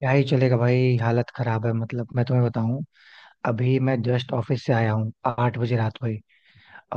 क्या ही चलेगा भाई। हालत खराब है, मतलब मैं तुम्हें बताऊं। अभी मैं जस्ट ऑफिस से आया हूँ 8 बजे रात को ही।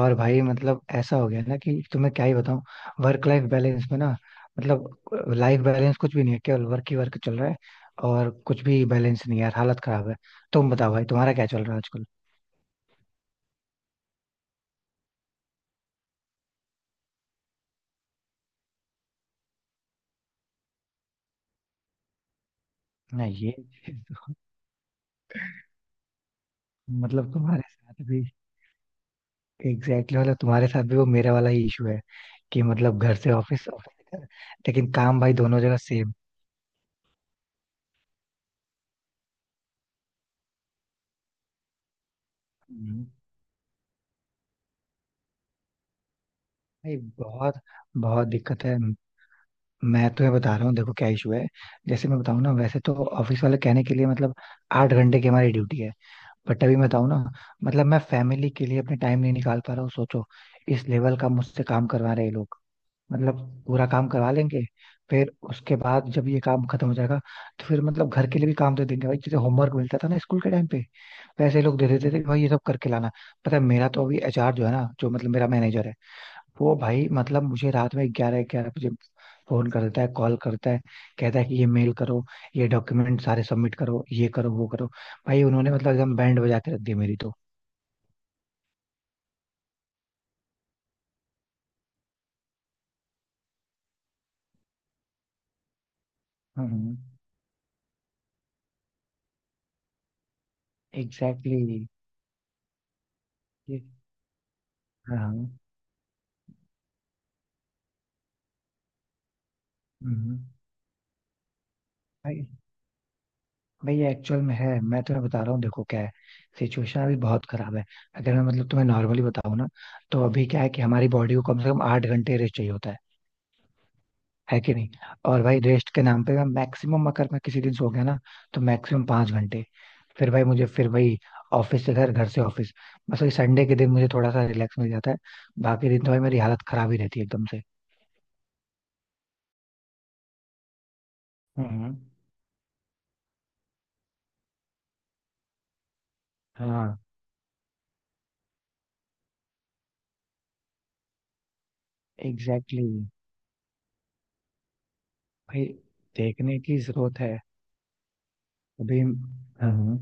और भाई मतलब ऐसा हो गया ना कि तुम्हें क्या ही बताऊं। वर्क लाइफ बैलेंस में ना। मतलब लाइफ बैलेंस कुछ भी नहीं है, केवल वर्क ही वर्क चल रहा है। और कुछ भी बैलेंस नहीं है यार, हालत खराब है। तुम बताओ भाई, तुम्हारा क्या चल रहा है आजकल? ना ये। मतलब तुम्हारे साथ भी एग्जैक्टली, मतलब तुम्हारे साथ भी वो मेरे वाला ही इशू है। कि मतलब घर से ऑफिस, ऑफिस से घर। लेकिन काम भाई दोनों जगह। सेम। भाई बहुत। बहुत दिक्कत है। मैं तुम्हें बता रहा हूँ, देखो क्या इशू है। जैसे मैं बताऊँ ना, वैसे तो ऑफिस वाले कहने के लिए मतलब 8 घंटे की हमारी ड्यूटी है। बट अभी मैं बताऊँ ना। मतलब मैं फैमिली के लिए अपने टाइम नहीं निकाल पा रहा हूँ, सोचो। इस लेवल का मुझसे काम करवा रहे हैं ये लोग मतलब। पूरा काम करवा लेंगे। फिर उसके बाद जब ये काम खत्म हो जाएगा, तो फिर मतलब घर के लिए भी काम दे देंगे भाई, जैसे होमवर्क मिलता था ना स्कूल के टाइम पे। वैसे ये लोग दे देते थे कि भाई ये सब करके लाना। पता है, मेरा तो अभी HR जो है ना, जो मतलब मेरा मैनेजर है, वो भाई मतलब मुझे रात में 11-11 बजे फोन करता है, कॉल करता है। कहता है कि ये मेल करो, ये डॉक्यूमेंट सारे सबमिट करो, ये करो वो करो। भाई उन्होंने मतलब एकदम बैंड बजा के रख दी मेरी तो। हम्म। एग्जैक्टली। ये। हाँ हाँ, हम्म। हम्म। भाई। भाई ये एक्चुअल में है, मैं तुम्हें बता रहा हूँ, देखो क्या है। सिचुएशन अभी बहुत खराब है। अगर मैं मतलब तुम्हें नॉर्मली बताऊँ ना, तो अभी क्या है कि हमारी बॉडी को कम से कम 8 घंटे रेस्ट चाहिए होता है। है कि नहीं? और भाई रेस्ट के नाम पे, मैं मैक्सिमम, अगर मैं किसी दिन सो गया ना, तो मैक्सिमम 5 घंटे। फिर भाई मुझे फिर वही, ऑफिस से घर, घर से ऑफिस। बस वही संडे के दिन मुझे थोड़ा सा रिलैक्स मिल जाता है। बाकी दिन तो भाई मेरी हालत खराब ही रहती है एकदम से। हम्म, हाँ। Exactly exactly. भाई। देखने की जरूरत है अभी। हम्म।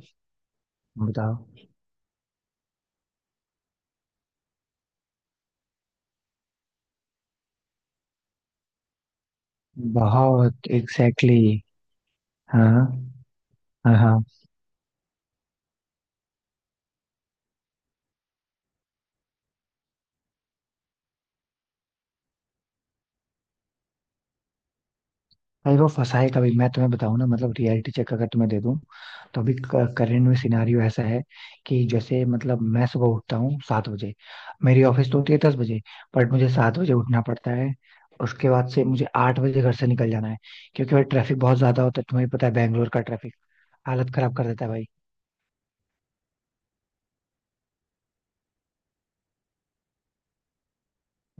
बताओ। बहुत। Exactly exactly. हाँ, हाँ, हाँ। भाई वो फंसा है, कभी मैं तुम्हें बताऊं ना, मतलब रियलिटी चेक अगर तुम्हें दे दूं, तो अभी करेंट में सिनारियो ऐसा है। कि जैसे मतलब मैं सुबह उठता हूँ 7 बजे। मेरी ऑफिस तो होती है 10 बजे। बट मुझे 7 बजे उठना पड़ता है। उसके बाद से मुझे 8 बजे घर से निकल जाना है, क्योंकि भाई ट्रैफिक बहुत ज्यादा होता है, तुम्हें पता है बैंगलोर का ट्रैफिक। हालत खराब कर देता है भाई।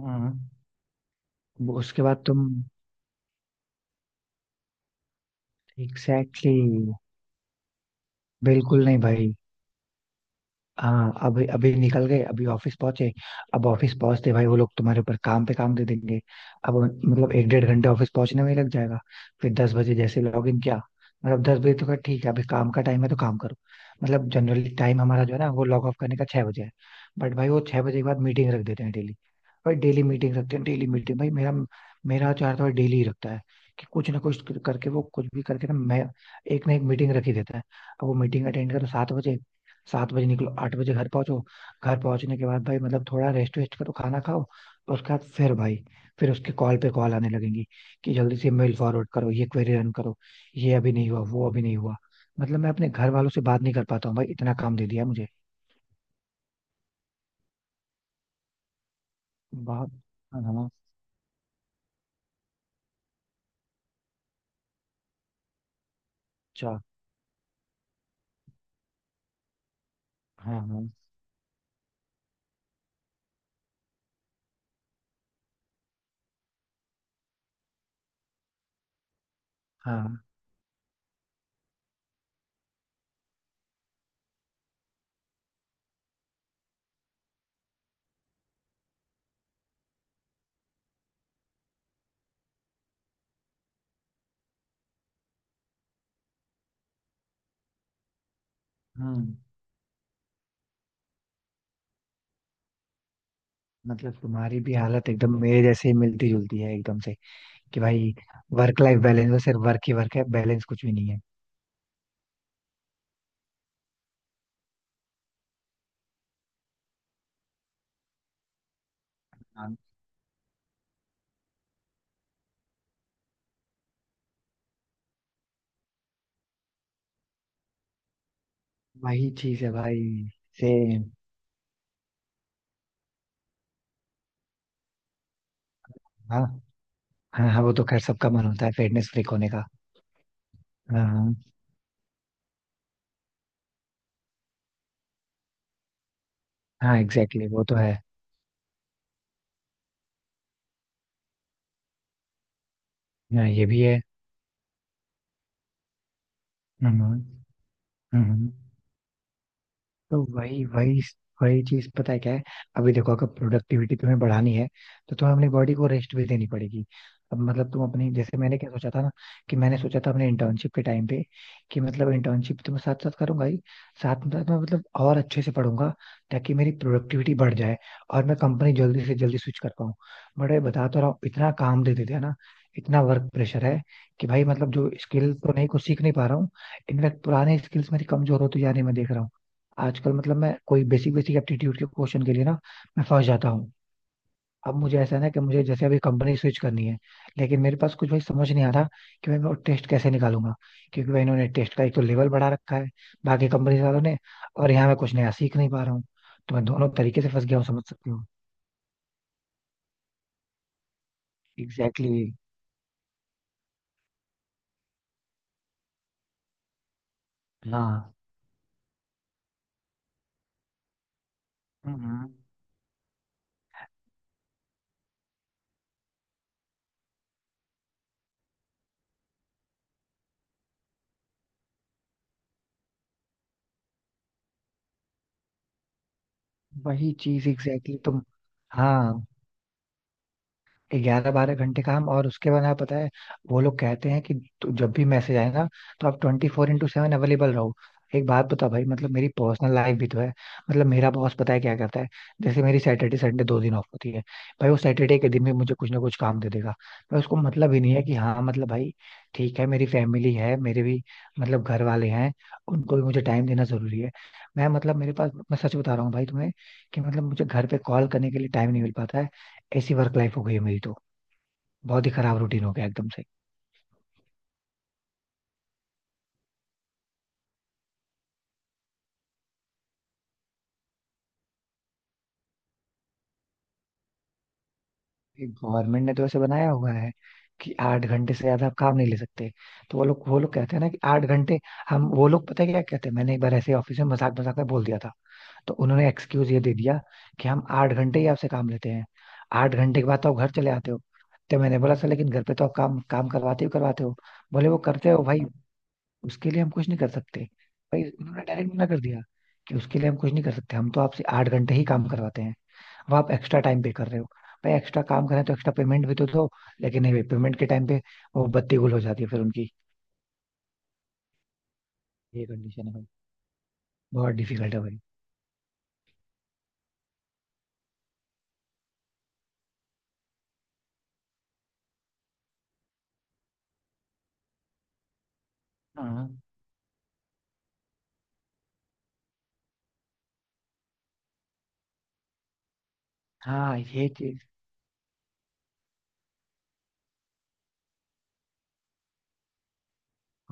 हम्म। वो उसके बाद तुम। एग्जैक्टली exactly, बिल्कुल नहीं भाई। हाँ, अभी अभी निकल गए, अभी ऑफिस पहुंचे। अब ऑफिस पहुंचते भाई वो लोग तुम्हारे ऊपर काम पे काम दे देंगे। अब मतलब एक डेढ़ घंटे ऑफिस पहुंचने में ही लग जाएगा। फिर 10 बजे जैसे लॉग इन किया, मतलब 10 बजे तो खैर ठीक है, अभी काम का टाइम है तो काम करो। मतलब जनरली टाइम हमारा जो है ना, वो लॉग ऑफ करने का 6 बजे है। बट भाई वो 6 बजे के बाद मीटिंग रख देते हैं डेली। भाई डेली मीटिंग रखते हैं, डेली मीटिंग। भाई मेरा मेरा चार तो यार थोड़ा डेली ही रखता है, कि कुछ ना कुछ करके, वो कुछ भी करके ना, मैं एक ना एक मीटिंग रख ही देता है। अब वो मीटिंग अटेंड करो 7 बजे। 7 बजे निकलो, 8 बजे घर पहुंचो। घर पहुंचने के बाद भाई मतलब थोड़ा रेस्ट वेस्ट करो, खाना खाओ। और उसके बाद फिर भाई, फिर उसके कॉल पे कॉल आने लगेंगी कि जल्दी से मेल फॉरवर्ड करो, ये क्वेरी रन करो, ये अभी नहीं हुआ, वो अभी नहीं हुआ। मतलब मैं अपने घर वालों से बात नहीं कर पाता हूँ भाई, इतना काम दे दिया मुझे। बात। हाँ हाँ, अच्छा। हाँ, हाँ, हाँ। हम्म। मतलब तुम्हारी भी हालत एकदम मेरे जैसे ही मिलती जुलती है एकदम से, कि भाई वर्क लाइफ बैलेंस में सिर्फ वर्क ही वर्क है, बैलेंस कुछ भी नहीं है। हाँ। वही चीज है भाई। से। हाँ, हाँ, हाँ, वो तो खैर सबका मन होता है फिटनेस फ्रीक होने का। हाँ, हाँ, एग्जैक्टली वो तो है। हाँ, ये भी है। हम्म, हम्म। हम्म। तो वही वही। वही चीज पता है क्या है। अभी देखो, अगर प्रोडक्टिविटी तुम्हें बढ़ानी है, तो तुम्हें अपनी बॉडी को रेस्ट भी देनी पड़ेगी। अब मतलब तुम अपनी जैसे मैंने क्या सोचा था ना, कि मैंने सोचा था अपने इंटर्नशिप के टाइम पे, कि मतलब इंटर्नशिप तो मैं साथ साथ करूंगा ही, साथ में मतलब और अच्छे से पढ़ूंगा, ताकि मेरी प्रोडक्टिविटी बढ़ जाए और मैं कंपनी जल्दी से जल्दी स्विच कर पाऊँ। बट ये बता तो रहा हूँ, इतना काम दे देते हैं ना, इतना वर्क प्रेशर है, कि भाई मतलब जो स्किल तो नहीं, कुछ सीख नहीं पा रहा हूँ। इनफैक्ट पुराने स्किल्स मेरी कमजोर होती जा रही, मैं देख रहा हूँ। आजकल मतलब मैं कोई बेसिक बेसिक एप्टीट्यूड के क्वेश्चन के लिए ना, मैं फंस जाता हूँ। अब मुझे ऐसा है ना कि मुझे जैसे अभी कंपनी स्विच करनी है, लेकिन मेरे पास कुछ भाई समझ नहीं आ रहा कि भाई मैं टेस्ट कैसे निकालूंगा। क्योंकि भाई इन्होंने टेस्ट का एक तो लेवल बढ़ा रखा है बाकी कंपनी वालों ने, और यहाँ मैं कुछ नया सीख नहीं पा रहा हूँ। तो मैं दोनों तरीके से फंस गया हूँ, समझ सकते हो। एग्जैक्टली exactly, हाँ। हम्म, वही चीज एग्जैक्टली exactly, तुम। हाँ। ग्यारह बारह घंटे का हम, और उसके बाद यहाँ पता है, वो लोग कहते हैं कि तो जब भी मैसेज आए ना, तो आप 24/7 अवेलेबल रहो। एक बात बताओ भाई, मतलब मेरी पर्सनल लाइफ भी तो है। मतलब मेरा बॉस पता है क्या करता है, जैसे मेरी सैटरडे संडे 2 दिन ऑफ होती है, भाई वो सैटरडे के दिन भी मुझे कुछ ना कुछ काम दे देगा। भाई उसको मतलब ही नहीं है कि हाँ मतलब भाई, ठीक है मेरी फैमिली है मेरे भी, मतलब घर वाले हैं, उनको भी मुझे टाइम देना जरूरी है। मैं, मतलब मेरे पास, मैं सच बता रहा हूँ भाई तुम्हें कि मतलब मुझे घर पे कॉल करने के लिए टाइम नहीं मिल पाता है। ऐसी वर्क लाइफ हो गई है मेरी तो, बहुत ही खराब रूटीन हो गया एकदम से। गवर्नमेंट ने तो ऐसे बनाया हुआ है कि 8 घंटे से ज्यादा आप काम नहीं ले सकते। तो वो लोग कहते हैं ना कि 8 घंटे। हम वो लोग पता है क्या कहते हैं, मैंने एक बार ऐसे ऑफिस में मजाक मजाक में बोल दिया था, तो उन्होंने एक्सक्यूज ये दे दिया कि हम 8 घंटे ही आपसे काम लेते हैं, 8 घंटे के बाद तो आप घर चले आते हो। तो मैंने बोला सर, लेकिन घर पे तो आप काम काम करवाते हो करवाते हो। बोले वो करते हो भाई, उसके लिए हम कुछ नहीं कर सकते। भाई उन्होंने डायरेक्ट मना कर दिया कि उसके लिए हम कुछ नहीं कर सकते, हम तो आपसे 8 घंटे ही काम करवाते हैं। अब आप एक्स्ट्रा टाइम पे कर रहे हो, भाई एक्स्ट्रा काम करें तो एक्स्ट्रा पेमेंट भी तो दो। लेकिन नहीं भाई, पेमेंट के टाइम पे वो बत्ती गुल हो जाती है फिर उनकी। ये कंडीशन है भाई, बहुत डिफिकल्ट है भाई। हाँ हाँ, ये चीज।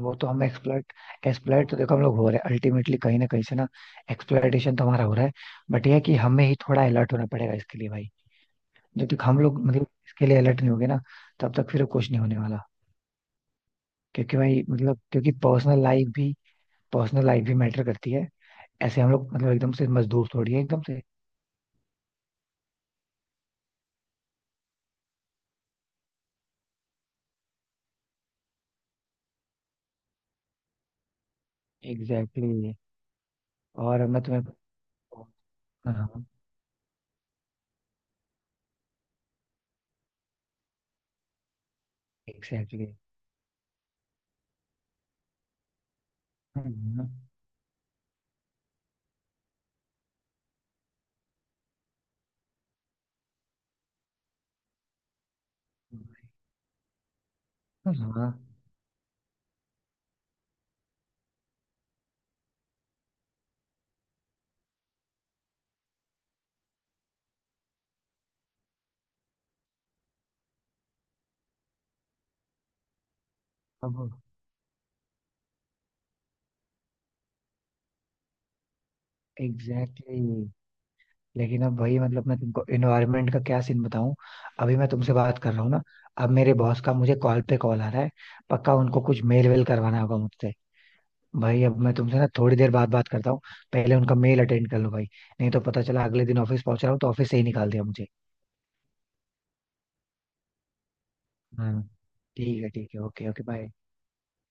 वो तो हम एक्सप्लॉइट। एक्सप्लॉइट तो देखो हम लोग हो रहे हैं अल्टीमेटली कहीं ना कहीं से ना, एक्सप्लॉइटेशन तो हमारा हो रहा है। बट ये है कि हमें ही थोड़ा अलर्ट होना पड़ेगा इसके लिए भाई। जब तक हम लोग मतलब इसके लिए अलर्ट नहीं होंगे ना, तब तक फिर कुछ नहीं होने वाला। क्योंकि भाई मतलब, क्योंकि पर्सनल लाइफ भी, पर्सनल लाइफ भी मैटर करती है। ऐसे हम लोग मतलब एकदम से मजदूर थोड़ी है एकदम से। Exactly exactly. और मैं तुम्हें। हाँ एग्जैक्टली exactly. हाँ। अब एग्जैक्टली exactly. लेकिन अब भाई मतलब मैं तुमको इन्वायरमेंट का क्या सीन बताऊं। अभी मैं तुमसे बात कर रहा हूँ ना, अब मेरे बॉस का मुझे कॉल पे कॉल आ रहा है, पक्का उनको कुछ मेल वेल करवाना होगा मुझसे। भाई अब मैं तुमसे ना थोड़ी देर बाद बात करता हूँ, पहले उनका मेल अटेंड कर लो भाई, नहीं तो पता चला अगले दिन ऑफिस पहुंच रहा हूँ तो ऑफिस से ही निकाल दिया मुझे। हाँ, ठीक है ठीक है, ओके ओके, बाय।